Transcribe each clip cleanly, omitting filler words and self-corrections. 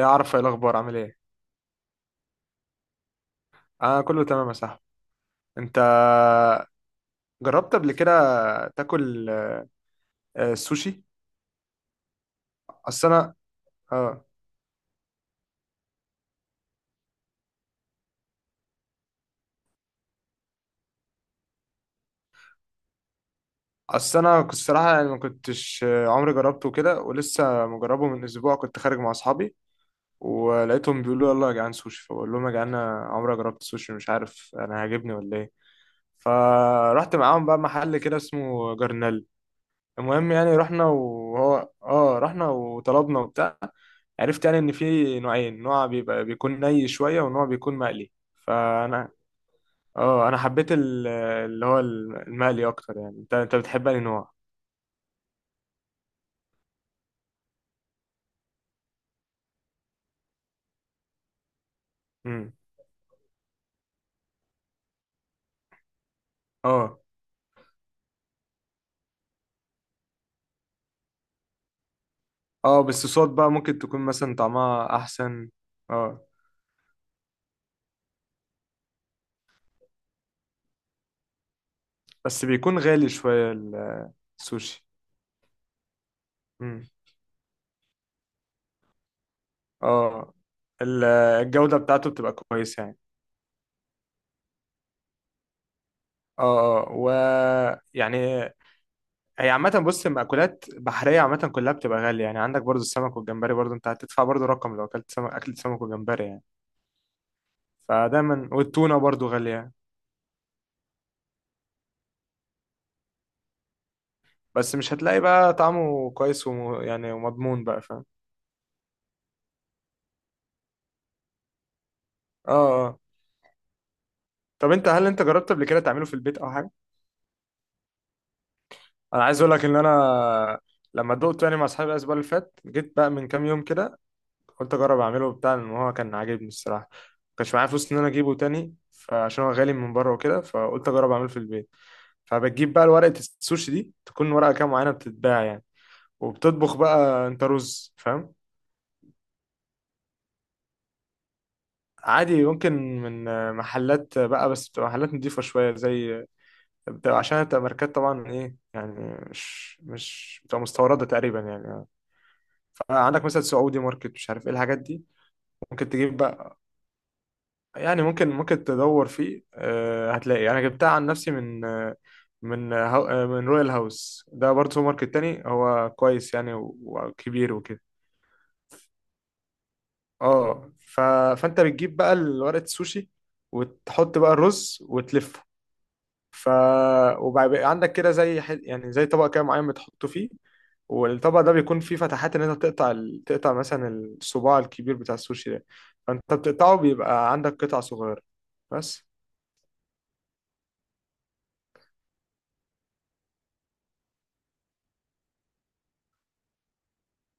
يا عارف ايه الاخبار؟ عامل ايه؟ انا كله تمام يا صاحبي. انت جربت قبل كده تاكل سوشي؟ اصل انا اه اصل انا كنت الصراحه يعني ما كنتش عمري جربته كده، ولسه مجربه من اسبوع. كنت خارج مع اصحابي ولقيتهم بيقولوا يلا يا جدعان سوشي، فبقول لهم يا جدعان انا عمري ما جربت سوشي، مش عارف انا هيعجبني ولا ايه. فرحت معاهم بقى محل كده اسمه جرنال. المهم يعني رحنا وهو اه رحنا وطلبنا وبتاع. عرفت يعني ان في نوعين، نوع بيكون ني شويه، ونوع بيكون مقلي. فانا اه انا حبيت اللي هو المقلي اكتر. يعني انت بتحب انهي نوع؟ امم. اه، اه، بس الصوصات بقى ممكن تكون مثلا طعمها احسن. اه، بس بيكون غالي شويه السوشي. امم. اه، الجوده بتاعته بتبقى كويسه يعني. اه، اه، ويعني هي عامة. بص، المأكولات بحرية عامة كلها بتبقى غالية، يعني عندك برضو السمك والجمبري، برضو انت هتدفع برضو رقم لو اكلت سمك، اكلت سمك وجمبري يعني. فدايما، والتونة برضو غالية يعني. بس مش هتلاقي بقى طعمه كويس يعني ومضمون بقى، فاهم؟ اه، اه، طب هل انت جربت قبل كده تعمله في البيت او حاجة؟ انا عايز اقول لك ان انا لما دقته يعني مع اصحابي الاسبوع اللي فات، جيت بقى من كام يوم كده قلت اجرب اعمله وبتاع، لان هو كان عاجبني الصراحه. مكانش معايا فلوس ان انا اجيبه تاني، فعشان هو غالي من بره وكده فقلت اجرب اعمله في البيت. فبتجيب بقى ورقه السوشي دي، تكون ورقه كام معينه بتتباع يعني. وبتطبخ بقى انت رز، فاهم؟ عادي، ممكن من محلات بقى، بس بتبقى محلات نضيفة شوية، زي عشان بتبقى ماركات طبعا، ايه يعني مش بتبقى مستوردة تقريبا يعني. فعندك مثلا سعودي ماركت، مش عارف ايه الحاجات دي. ممكن تجيب بقى، يعني ممكن تدور فيه. هتلاقي انا جبتها عن نفسي من رويال هاوس. ده برضه سوبر ماركت تاني، هو كويس يعني وكبير وكده. اه. فانت بتجيب بقى ورقة السوشي وتحط بقى الرز وتلفه. ف وبقى عندك كده زي يعني زي طبق كده معين بتحطه فيه. والطبق ده بيكون فيه فتحات ان انت تقطع مثلا الصباع الكبير بتاع السوشي ده. فانت بتقطعه، بيبقى عندك قطع صغيرة بس.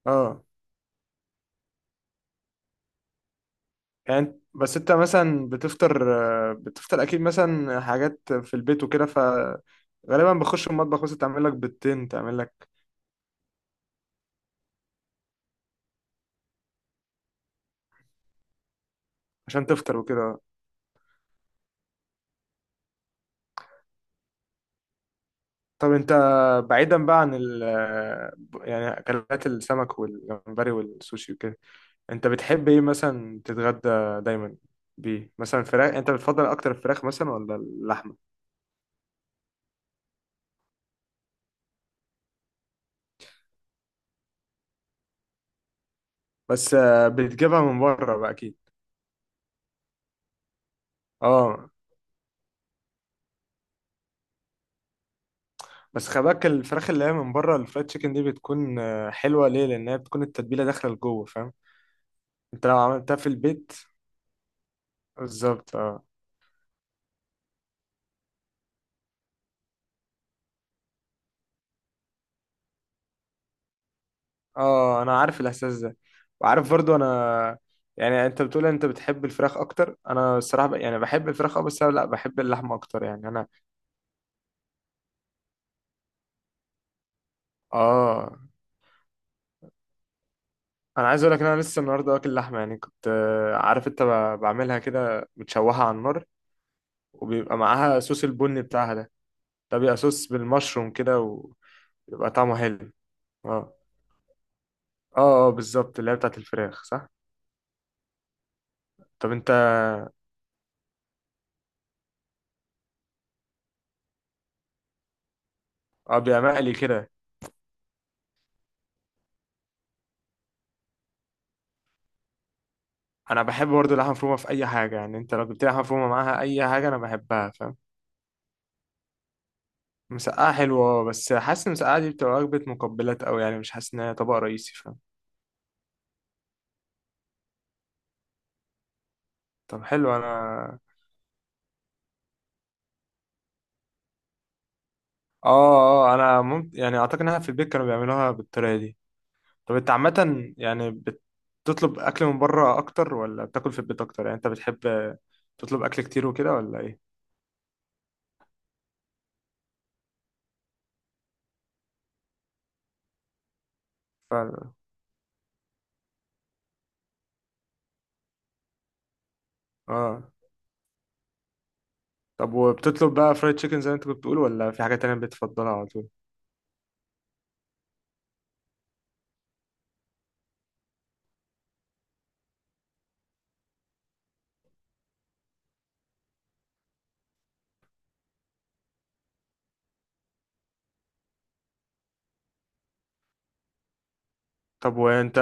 اه. يعني بس انت مثلا بتفطر. بتفطر اكيد مثلا حاجات في البيت وكده فغالبا بخش المطبخ مثلا تعمل لك بيضتين، تعمل لك عشان تفطر وكده. طب انت، بعيدا بقى عن ال آه، يعني اكلات السمك والجمبري والسوشي وكده، انت بتحب ايه مثلا تتغدى دايما بيه؟ مثلا فراخ، انت بتفضل اكتر الفراخ مثلا ولا اللحمه؟ بس بتجيبها من بره بقى اكيد. اه، بس خلي بالك الفراخ اللي هي من بره، الفرايد تشيكن دي بتكون حلوه، ليه؟ لان هي بتكون التتبيله داخله لجوه، فاهم؟ انت لو عملتها في البيت بالظبط. اه، اه، انا عارف الاحساس ده، وعارف برضو انا. يعني انت بتقول انت بتحب الفراخ اكتر. انا الصراحه يعني بحب الفراخ. اه، بس انا لا بحب اللحمه اكتر يعني انا. اه. انا عايز اقول لك ان انا لسه النهارده واكل لحمه يعني، كنت عارف انت بعملها كده بتشوحها على النار. وبيبقى معاها صوص البني بتاعها ده. ده بيبقى صوص بالمشروم كده. وبيبقى طعمه حلو. اه، اه، اه، بالظبط، اللي هي بتاعت الفراخ، صح. طب انت. اه، بيبقى مقلي كده. انا بحب برضه اللحمه مفرومه في اي حاجه، يعني انت لو جبت لي لحمه مفرومه معاها اي حاجه انا بحبها، فاهم؟ مسقعه حلوه، اه، بس حاسس ان المسقعه دي بتبقى وجبه مقبلات قوي، يعني مش حاسس ان هي طبق رئيسي، فاهم؟ طب حلو. انا، اه، اه، انا ممكن يعني اعتقد انها في البيت كانوا بيعملوها بالطريقه دي. طب انت عامه يعني بتطلب اكل من بره اكتر ولا بتاكل في البيت اكتر؟ يعني انت بتحب تطلب اكل كتير وكده ولا ايه؟ ف... اه. طب، وبتطلب بقى فرايد تشيكن زي ما انت كنت بتقول، ولا في حاجة تانية بتفضلها على طول؟ طب وانت.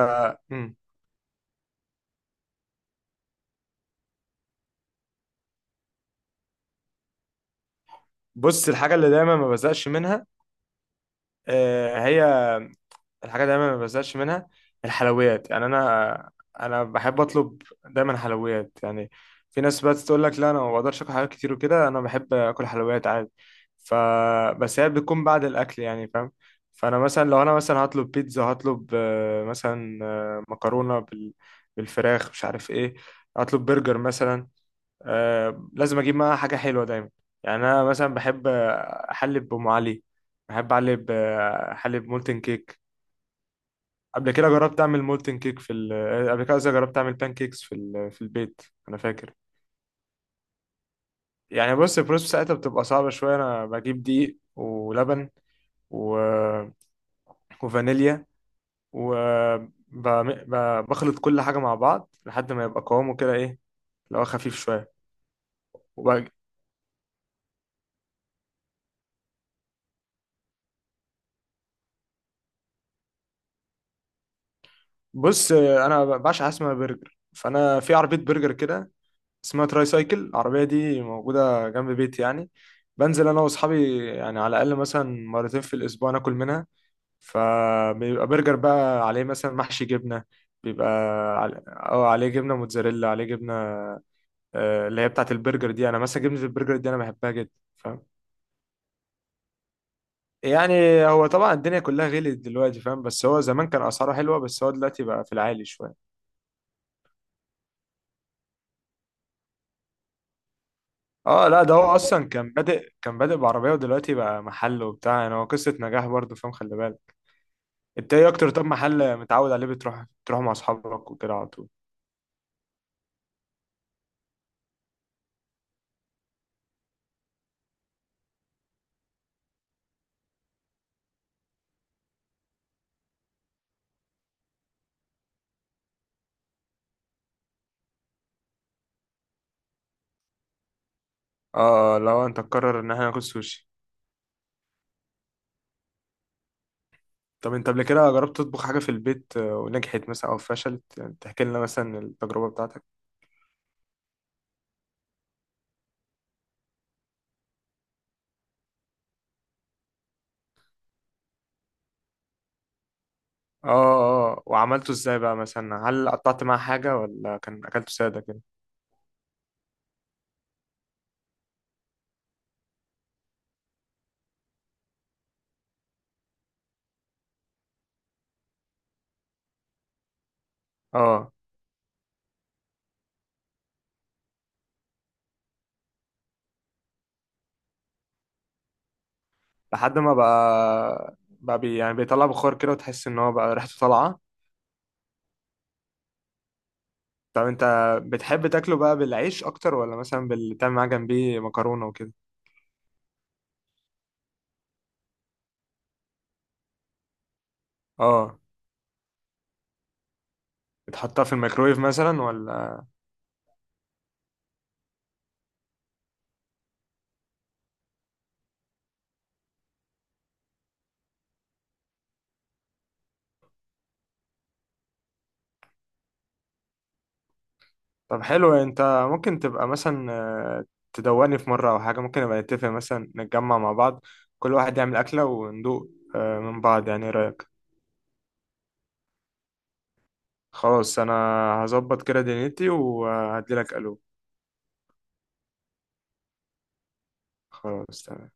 مم. بص، الحاجة اللي دايما ما بزقش منها، هي الحاجة دايما ما بزهقش منها، الحلويات. يعني أنا، أنا بحب أطلب دايما حلويات يعني. في ناس بقى تقول لك لا، أنا ما بقدرش آكل حلويات كتير وكده. أنا بحب آكل حلويات عادي. ف بس هي بتكون بعد الأكل يعني، فاهم؟ فأنا مثلا، لو أنا مثلا هطلب بيتزا، هطلب مثلا مكرونة بالفراخ، مش عارف إيه. هطلب برجر مثلا. لازم أجيب معاها حاجة حلوة دايما. يعني أنا مثلا بحب أحلي بأم علي، بحب أحلي أحلي بمولتن كيك. قبل كده جربت اعمل مولتن كيك في ال... آه، قبل كده قصدي جربت اعمل بان كيكس في ال... آه، في البيت. انا فاكر يعني. بص، البروسيس بتاعتها بتبقى صعبه شويه. انا بجيب دقيق ولبن و... آه، وفانيليا و آه، ب... ب... بخلط كل حاجه مع بعض لحد ما يبقى قوامه كده، ايه، لو خفيف شويه وب... بص، انا بعشق حاجه اسمها برجر. فانا في عربيه برجر كده اسمها تراي سايكل، العربيه دي موجوده جنب بيتي يعني. بنزل انا واصحابي، يعني على الاقل مثلا مرتين في الاسبوع ناكل منها. فبيبقى برجر بقى عليه مثلا محشي جبنة، بيبقى أو عليه جبنة موتزاريلا، عليه جبنة اللي هي بتاعة البرجر دي. أنا مثلا جبنة البرجر دي أنا بحبها جدا، فاهم؟ يعني هو طبعا الدنيا كلها غلت دلوقتي فاهم، بس هو زمان كان أسعاره حلوة، بس هو دلوقتي بقى في العالي شوية. اه لا، ده هو أصلا كان بادئ بعربية، ودلوقتي بقى محل وبتاع. يعني هو قصة نجاح برضه، فاهم؟ خلي بالك. انت ايه أكتر طب محل متعود عليه، بتروح مع أصحابك وكده على طول؟ اه، لو انت تقرر ان احنا ناكل سوشي. طب انت قبل كده جربت تطبخ حاجة في البيت ونجحت مثلا او فشلت؟ يعني تحكي لنا مثلا التجربة بتاعتك. اه، اه، وعملته ازاي بقى مثلا؟ هل قطعت معاه حاجة ولا كان اكلته سادة كده؟ اه، لحد ما بقى يعني بيطلع بخار كده، وتحس ان هو بقى ريحته طالعة. طب انت بتحب تاكله بقى بالعيش اكتر ولا مثلا تعمل معاه جنبيه مكرونة وكده؟ اه، بتحطها في الميكرويف مثلا ولا؟ طب حلو، انت ممكن تبقى مثلا آه، تدوقني في مرة او حاجة؟ ممكن نبقى نتفق مثلا، نتجمع مع بعض، كل واحد يعمل اكلة وندوق من بعض، يعني ايه رأيك؟ خلاص، انا هظبط كده دنيتي وهديلك الو. خلاص، تمام.